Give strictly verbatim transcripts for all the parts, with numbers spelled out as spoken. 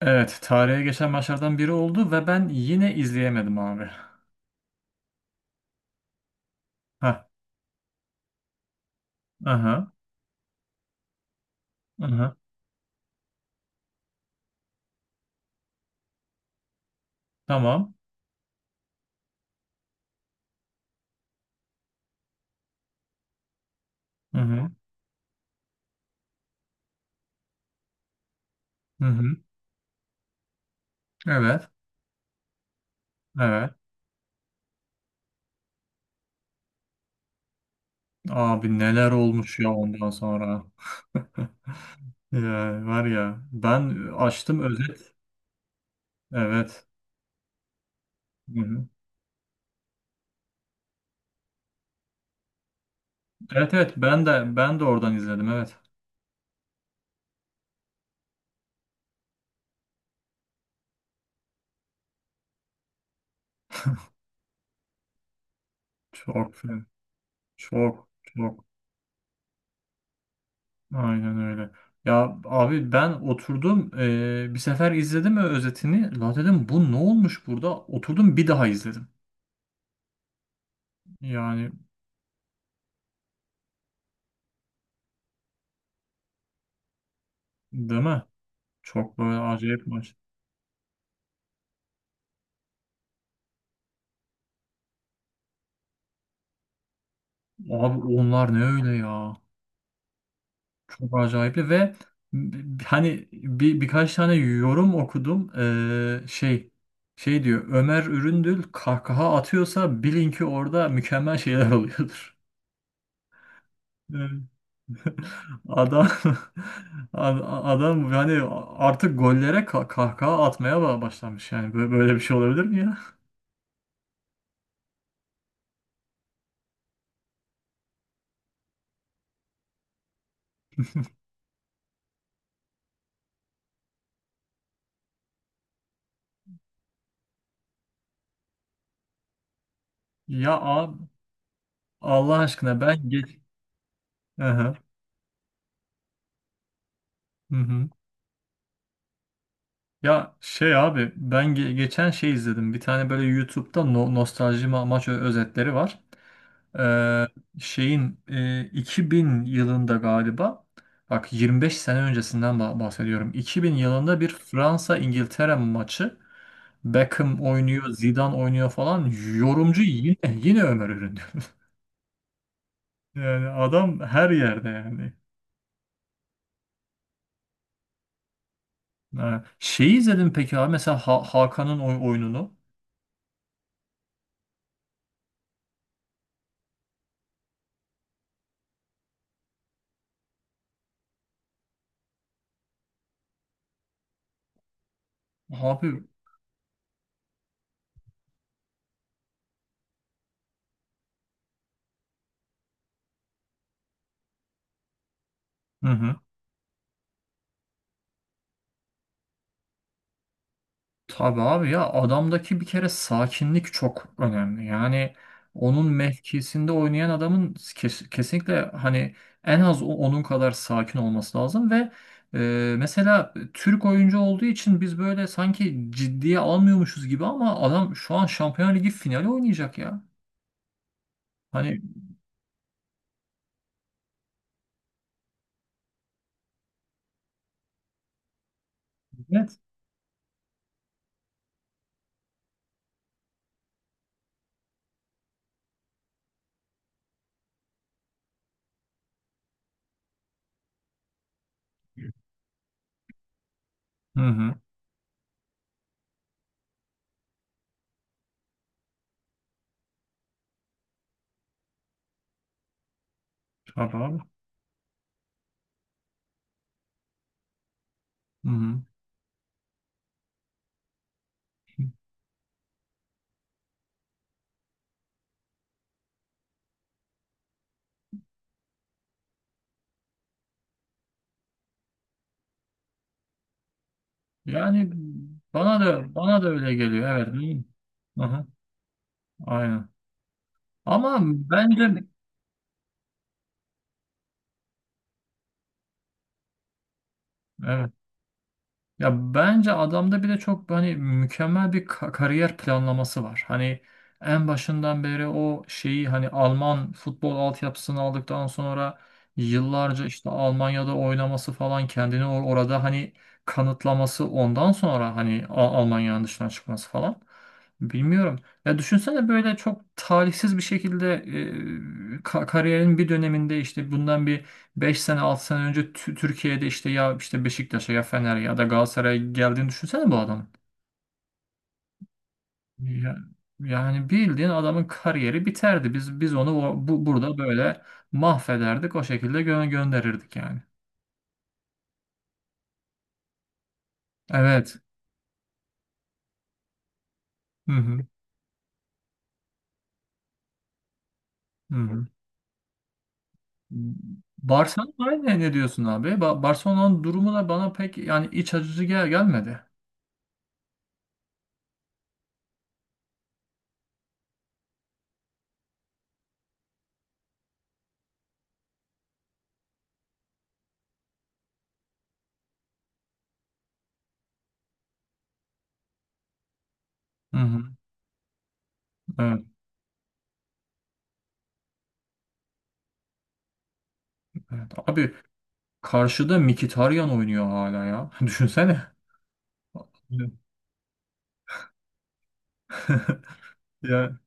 Evet, tarihe geçen maçlardan biri oldu ve ben yine izleyemedim abi. Ha, aha, aha, tamam. Hı hı, hı hı. Evet, evet. Abi, neler olmuş ya ondan sonra. Ya, var ya, ben açtım özet. Evet. Hı hı. Evet, evet, ben de ben de oradan izledim, evet. Çok film. Çok çok. Aynen öyle. Ya abi, ben oturdum eee, bir sefer izledim özetini. La dedim, bu ne olmuş burada? Oturdum bir daha izledim. Yani, değil mi? Çok böyle acayip maç. Abi onlar ne öyle ya? Çok acayipli ve b- hani bir birkaç tane yorum okudum. Eee, şey şey diyor, Ömer Üründül kahkaha atıyorsa bilin ki orada mükemmel şeyler oluyordur. Adam ad- adam yani artık gollere ka- kahkaha atmaya ba- başlamış yani. Bö- böyle bir şey olabilir mi ya? Ya abi, Allah aşkına, ben geç. Hı hı. Hı. Ya şey abi, ben ge- geçen şey izledim. Bir tane böyle YouTube'da no- nostalji ma- maç ö- özetleri var. Ee, şeyin e, iki bin yılında galiba, bak, yirmi beş sene öncesinden bah- bahsediyorum. iki bin yılında bir Fransa İngiltere maçı. Beckham oynuyor, Zidane oynuyor falan. Yorumcu yine yine Ömer Ürün diyor. Yani adam her yerde yani. Ha, Şeyi izledin peki abi, mesela Ha- Hakan'ın oy- oyununu. Abi, hı hı. Tabii abi, ya adamdaki bir kere sakinlik çok önemli. Yani onun mevkisinde oynayan adamın kes- kesinlikle, hani, en az o- onun kadar sakin olması lazım ve e, mesela Türk oyuncu olduğu için biz böyle sanki ciddiye almıyormuşuz gibi ama adam şu an Şampiyonlar Ligi finali oynayacak ya. Hani, net. Hı hı. Tabii abi. Hı hı. Yani bana da bana da öyle geliyor. Evet. Hı hı. Aynen. Ama bence evet. Ya bence adamda bir de çok, hani, mükemmel bir ka- kariyer planlaması var. Hani en başından beri o şeyi, hani, Alman futbol altyapısını aldıktan sonra yıllarca işte Almanya'da oynaması falan, kendini or- orada, hani, kanıtlaması, ondan sonra, hani, Al- Almanya'nın dışına çıkması falan. Bilmiyorum. Ya düşünsene, böyle çok talihsiz bir şekilde, e, ka- kariyerin bir döneminde, işte bundan bir Beş sene altı sene önce Tü- Türkiye'de, işte, ya işte Beşiktaş'a, ya Fener'e ya da Galatasaray'a geldiğini düşünsene bu adamın. Ya, yani bildiğin adamın kariyeri biterdi. Biz biz onu o- bu, burada böyle mahvederdik. O şekilde gö- gönderirdik yani. Evet. Hı hı. Hı hı. Barcelona ne, ne diyorsun abi? Ba- Barcelona'nın durumu da bana pek yani iç acıcı gel gelmedi. Hı hı. Evet, evet. Abi, karşıda Mkhitaryan oynuyor hala ya. Düşünsene. Ya,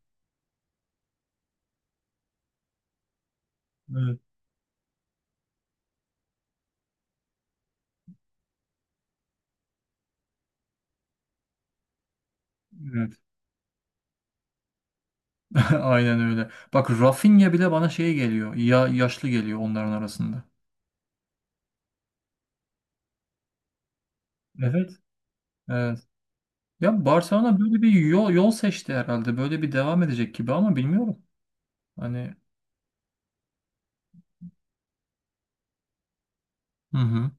evet. Evet. Aynen öyle. Bak, Rafinha bile bana şey geliyor. Ya, yaşlı geliyor onların arasında. Evet. Evet. Ya Barcelona böyle bir yol, yol seçti herhalde. Böyle bir devam edecek gibi ama bilmiyorum. Hani, hı hı.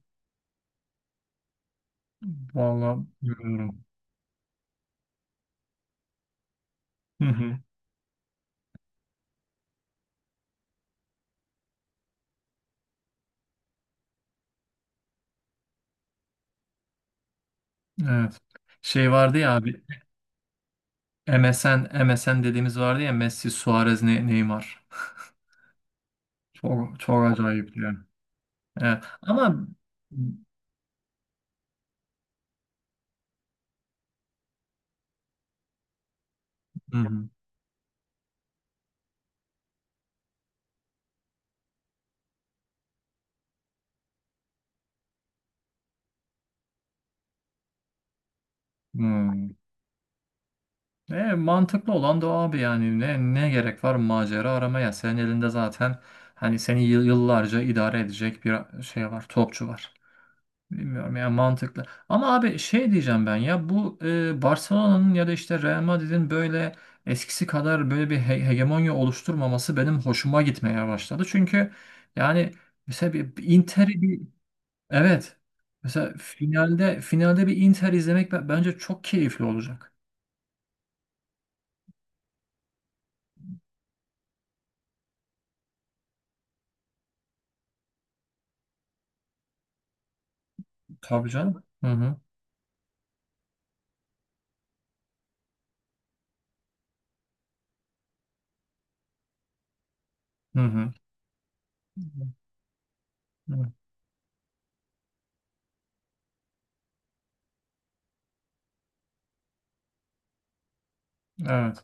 Vallahi bilmiyorum. Hı hı. Evet. Şey vardı ya abi. M S N M S N dediğimiz vardı ya, Messi, Suarez, Ne- Neymar. Çok, çok acayip yani. Evet. Ama, hı hı. Hı. E, mantıklı olan da o abi, yani ne, ne gerek var macera aramaya? Senin elinde zaten, hani, seni yıl- yıllarca idare edecek bir şey var, topçu var. Bilmiyorum ya, mantıklı. Ama abi, şey diyeceğim ben, ya bu e, Barcelona'nın ya da işte Real Madrid'in böyle eskisi kadar böyle bir he- hegemonya oluşturmaması benim hoşuma gitmeye başladı. Çünkü, yani, mesela bir bir Inter'i bir, evet, mesela finalde finalde bir Inter izlemek be- bence çok keyifli olacak. Tabii canım. Hı hı. Hı hı. Evet, evet.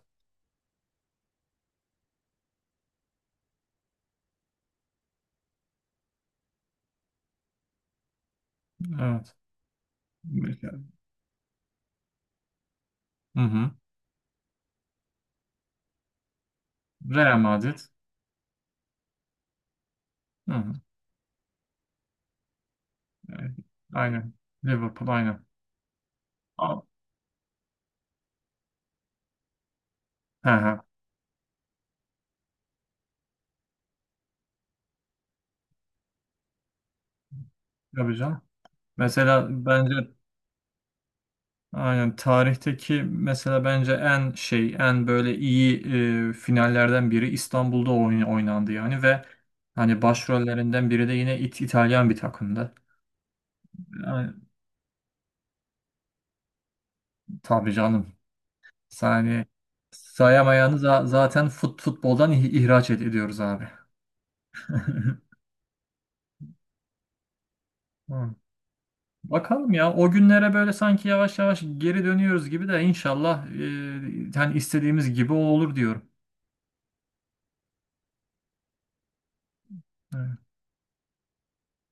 evet. Mesela- Hı hı. Real Madrid. Hı hı. Evet. Aynen. Liverpool, aynen. A- He he. Tabii canım. Mesela bence, aynen, tarihteki mesela, bence, en şey, en böyle iyi e, finallerden biri İstanbul'da oyn- oynandı yani, ve, hani, başrollerinden biri de yine İt- İtalyan bir takımdı. Yani, tabii canım. Yani sayamayanı za- zaten fut futboldan ih- ihraç ed- ediyoruz abi. Hı. Bakalım ya, o günlere böyle sanki yavaş yavaş geri dönüyoruz gibi, de inşallah, e, yani istediğimiz gibi o olur diyorum.